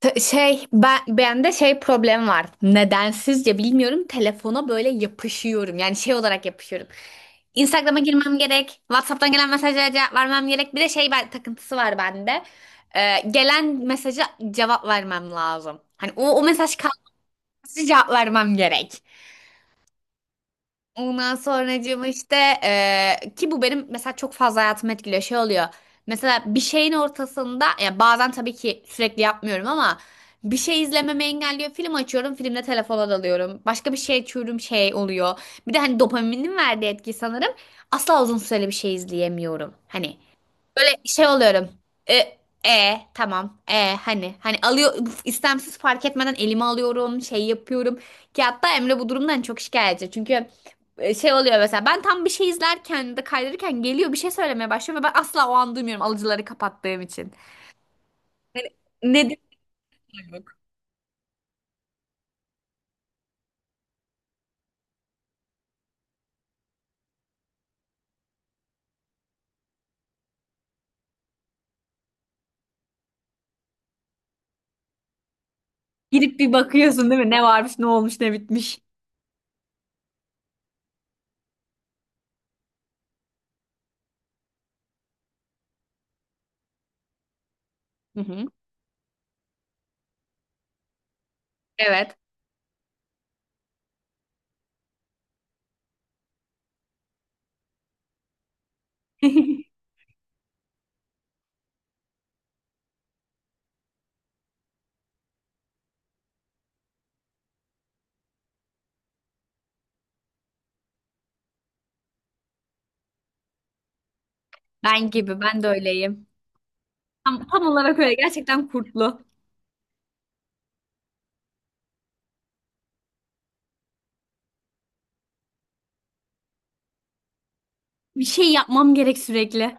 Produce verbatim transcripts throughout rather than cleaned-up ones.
T- Şey ben bende şey problem var. Nedensizce bilmiyorum telefona böyle yapışıyorum. Yani şey olarak yapışıyorum. Instagram'a girmem gerek. WhatsApp'tan gelen mesajlara cevap vermem gerek. Bir de şey ben, takıntısı var bende. Ee, gelen mesaja cevap vermem lazım. Hani o, o mesaj kalması cevap vermem gerek. Ondan sonracığım işte eee, ki bu benim mesela çok fazla hayatımı etkiliyor şey oluyor. Mesela bir şeyin ortasında ya bazen tabii ki sürekli yapmıyorum ama bir şey izlememi engelliyor. Film açıyorum, filmle telefona dalıyorum. Başka bir şey açıyorum, şey oluyor. Bir de hani dopaminin verdiği etki sanırım. Asla uzun süreli bir şey izleyemiyorum. Hani böyle şey oluyorum. E, e tamam. E hani hani alıyor, istemsiz fark etmeden elime alıyorum, şey yapıyorum. Ki hatta Emre bu durumdan çok şikayetçi. Çünkü e, şey oluyor mesela ben tam bir şey izlerken ya da kaydırırken geliyor bir şey söylemeye başlıyor ve ben asla o an duymuyorum alıcıları kapattığım için. Nedir? Girip bir bakıyorsun değil mi? Ne varmış, ne olmuş, ne bitmiş. Hı hı. Evet. Ben gibi, ben de öyleyim. Tam, tam olarak öyle. Gerçekten kurtlu. Bir şey yapmam gerek sürekli.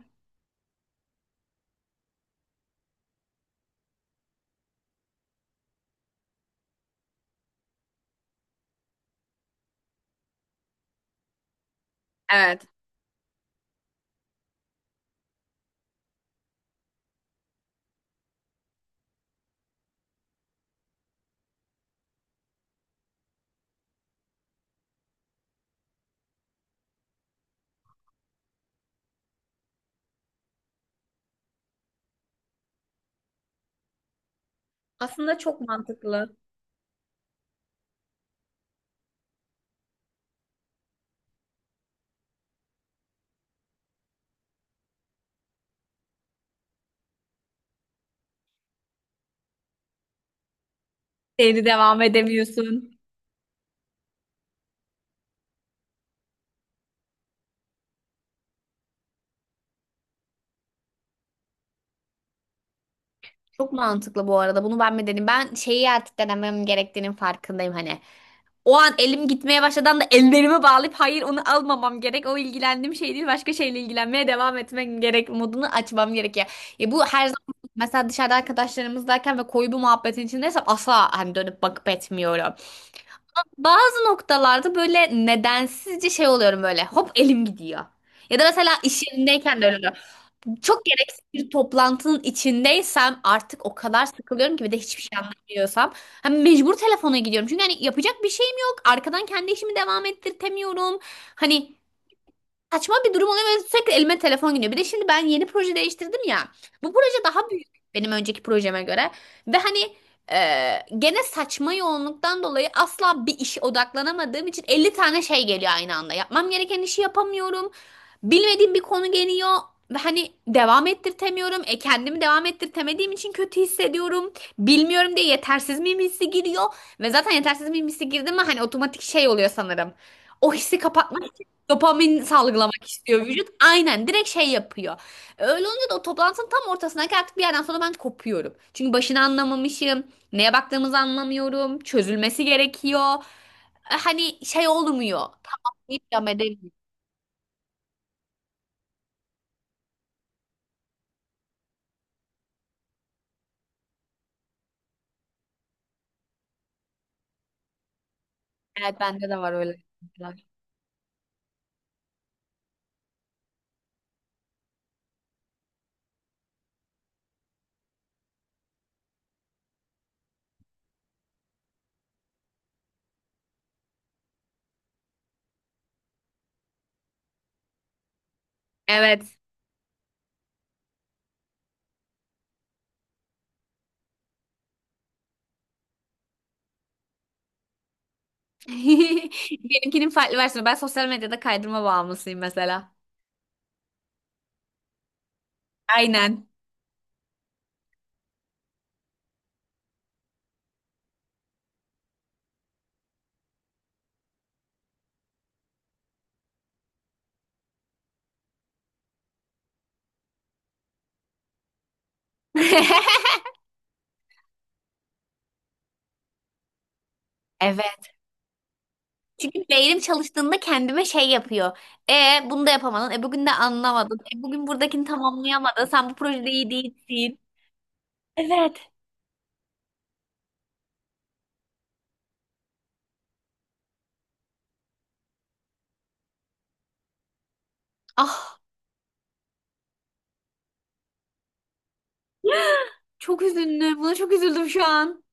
Evet. Aslında çok mantıklı. Evde devam edemiyorsun. Çok mantıklı bu arada. Bunu ben mi dedim? Ben şeyi artık denemem gerektiğinin farkındayım hani. O an elim gitmeye başladan da ellerimi bağlayıp hayır onu almamam gerek. O ilgilendiğim şey değil. Başka şeyle ilgilenmeye devam etmek gerek modunu açmam gerekiyor. Ya bu her zaman mesela dışarıda arkadaşlarımızdayken ve koyu bir muhabbetin içindeysem asla hani dönüp bakıp etmiyorum. Bazı noktalarda böyle nedensizce şey oluyorum böyle. Hop elim gidiyor. Ya da mesela iş yerindeyken de öyle. Çok gereksiz bir toplantının içindeysem artık o kadar sıkılıyorum ki ve de hiçbir şey anlamıyorsam hani mecbur telefona gidiyorum. Çünkü hani yapacak bir şeyim yok. Arkadan kendi işimi devam ettirtemiyorum. Hani saçma bir durum oluyor ve sürekli elime telefon gidiyor. Bir de şimdi ben yeni proje değiştirdim ya. Bu proje daha büyük benim önceki projeme göre. Ve hani e, gene saçma yoğunluktan dolayı asla bir işe odaklanamadığım için elli tane şey geliyor aynı anda. Yapmam gereken işi yapamıyorum. Bilmediğim bir konu geliyor ve hani devam ettirtemiyorum. E kendimi devam ettirtemediğim için kötü hissediyorum. Bilmiyorum diye yetersiz miyim hissi giriyor. Ve zaten yetersiz miyim hissi girdi mi hani otomatik şey oluyor sanırım. O hissi kapatmak için dopamin salgılamak istiyor vücut. Aynen direkt şey yapıyor. Öyle olunca da o toplantının tam ortasındaki artık bir yerden sonra ben kopuyorum. Çünkü başını anlamamışım. Neye baktığımızı anlamıyorum. Çözülmesi gerekiyor. E, Hani şey olmuyor. Tamam deyip devam edemiyorum. Evet, bende de var öyle şeyler. Evet. Benimkinin farklı versiyonu. Ben sosyal medyada kaydırma bağımlısıyım mesela. Aynen. Evet. Çünkü beynim çalıştığında kendime şey yapıyor. E bunu da yapamadın. E bugün de anlamadın. E bugün buradakini tamamlayamadın. Sen bu projede iyi değilsin. Evet. Ah, çok üzüldüm. Buna çok üzüldüm şu an.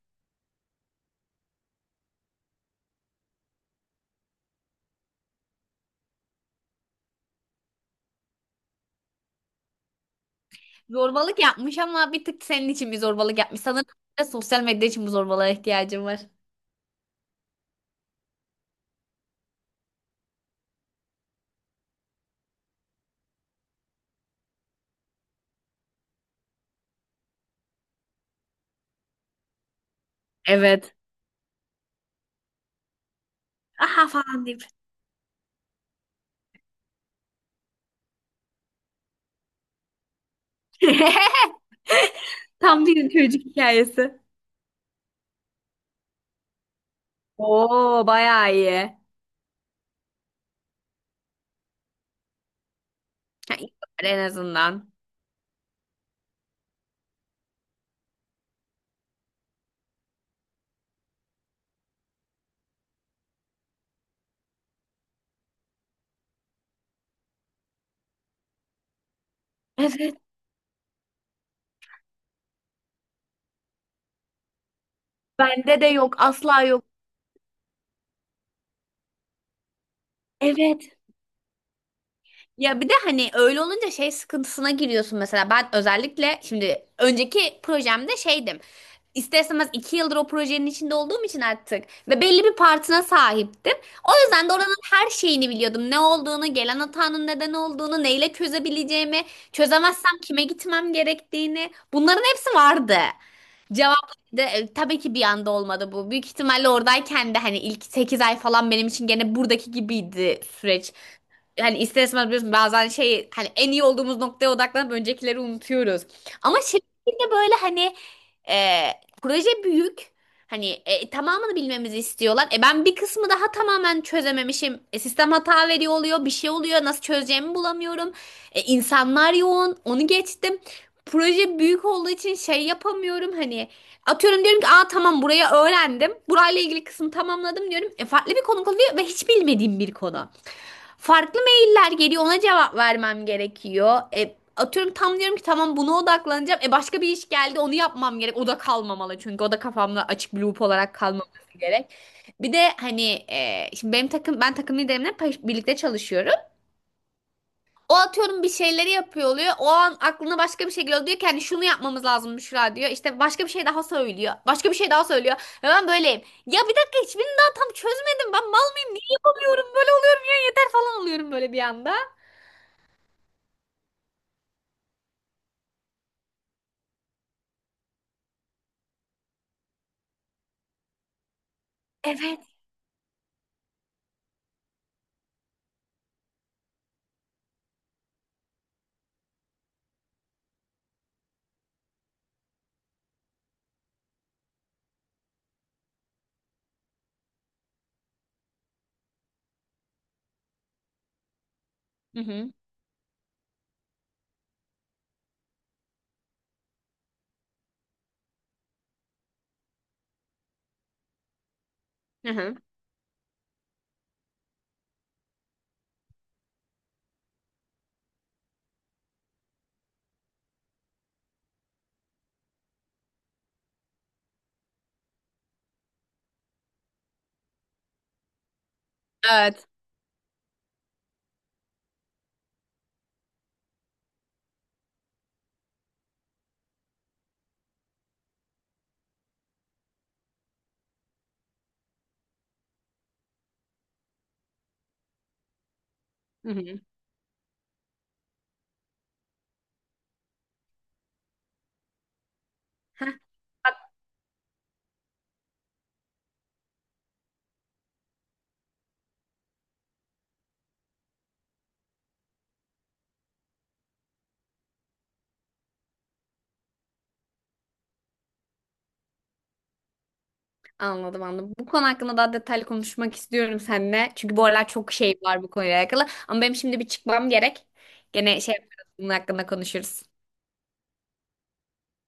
Zorbalık yapmış ama bir tık senin için bir zorbalık yapmış. Sanırım bir de sosyal medya için bu zorbalığa ihtiyacım var. Evet. Aha falan deyip. Tam bir çocuk hikayesi. Oo, bayağı iyi. Ha, iyi var en azından. Evet. Bende de yok. Asla yok. Evet. Ya bir de hani öyle olunca şey sıkıntısına giriyorsun mesela. Ben özellikle şimdi önceki projemde şeydim. İster istemez iki yıldır o projenin içinde olduğum için artık ve belli bir partına sahiptim. O yüzden de oranın her şeyini biliyordum. Ne olduğunu, gelen hatanın neden olduğunu, neyle çözebileceğimi, çözemezsem kime gitmem gerektiğini. Bunların hepsi vardı. Cevap da e, tabii ki bir anda olmadı bu. Büyük ihtimalle oradayken de hani ilk sekiz ay falan benim için gene buradaki gibiydi süreç. Hani ister istemez biliyorsun bazen şey hani en iyi olduğumuz noktaya odaklanıp öncekileri unutuyoruz. Ama şirkette böyle hani e, proje büyük. Hani e, tamamını bilmemizi istiyorlar. E ben bir kısmı daha tamamen çözememişim. E, sistem hata veriyor oluyor, bir şey oluyor. Nasıl çözeceğimi bulamıyorum. E, insanlar yoğun. Onu geçtim. Proje büyük olduğu için şey yapamıyorum hani atıyorum diyorum ki aa tamam burayı öğrendim. Burayla ilgili kısmı tamamladım diyorum. E, farklı bir konu oluyor ve hiç bilmediğim bir konu. Farklı sorular geliyor ona cevap vermem gerekiyor. E, atıyorum tam diyorum ki tamam buna odaklanacağım. E başka bir iş geldi onu yapmam gerek. O da kalmamalı çünkü o da kafamda açık bir loop olarak kalmaması gerek. Bir de hani e, şimdi benim takım ben takım liderimle pa- birlikte çalışıyorum. O atıyorum bir şeyleri yapıyor oluyor. O an aklına başka bir şey geliyor. Diyor ki hani şunu yapmamız lazım Büşra diyor. İşte başka bir şey daha söylüyor. Başka bir şey daha söylüyor. Ve ben böyleyim. Ya bir dakika hiçbirini daha tam çözmedim. Ben mal mıyım? Niye yapamıyorum? Böyle oluyorum ya yeter falan oluyorum böyle bir anda. Evet. Hı hı. Hı hı. Evet. Hı hı. Heh, bak, anladım anladım. Bu konu hakkında daha detaylı konuşmak istiyorum seninle. Çünkü bu aralar çok şey var bu konuyla alakalı. Ama benim şimdi bir çıkmam gerek. Gene şey yaparız, bunun hakkında konuşuruz.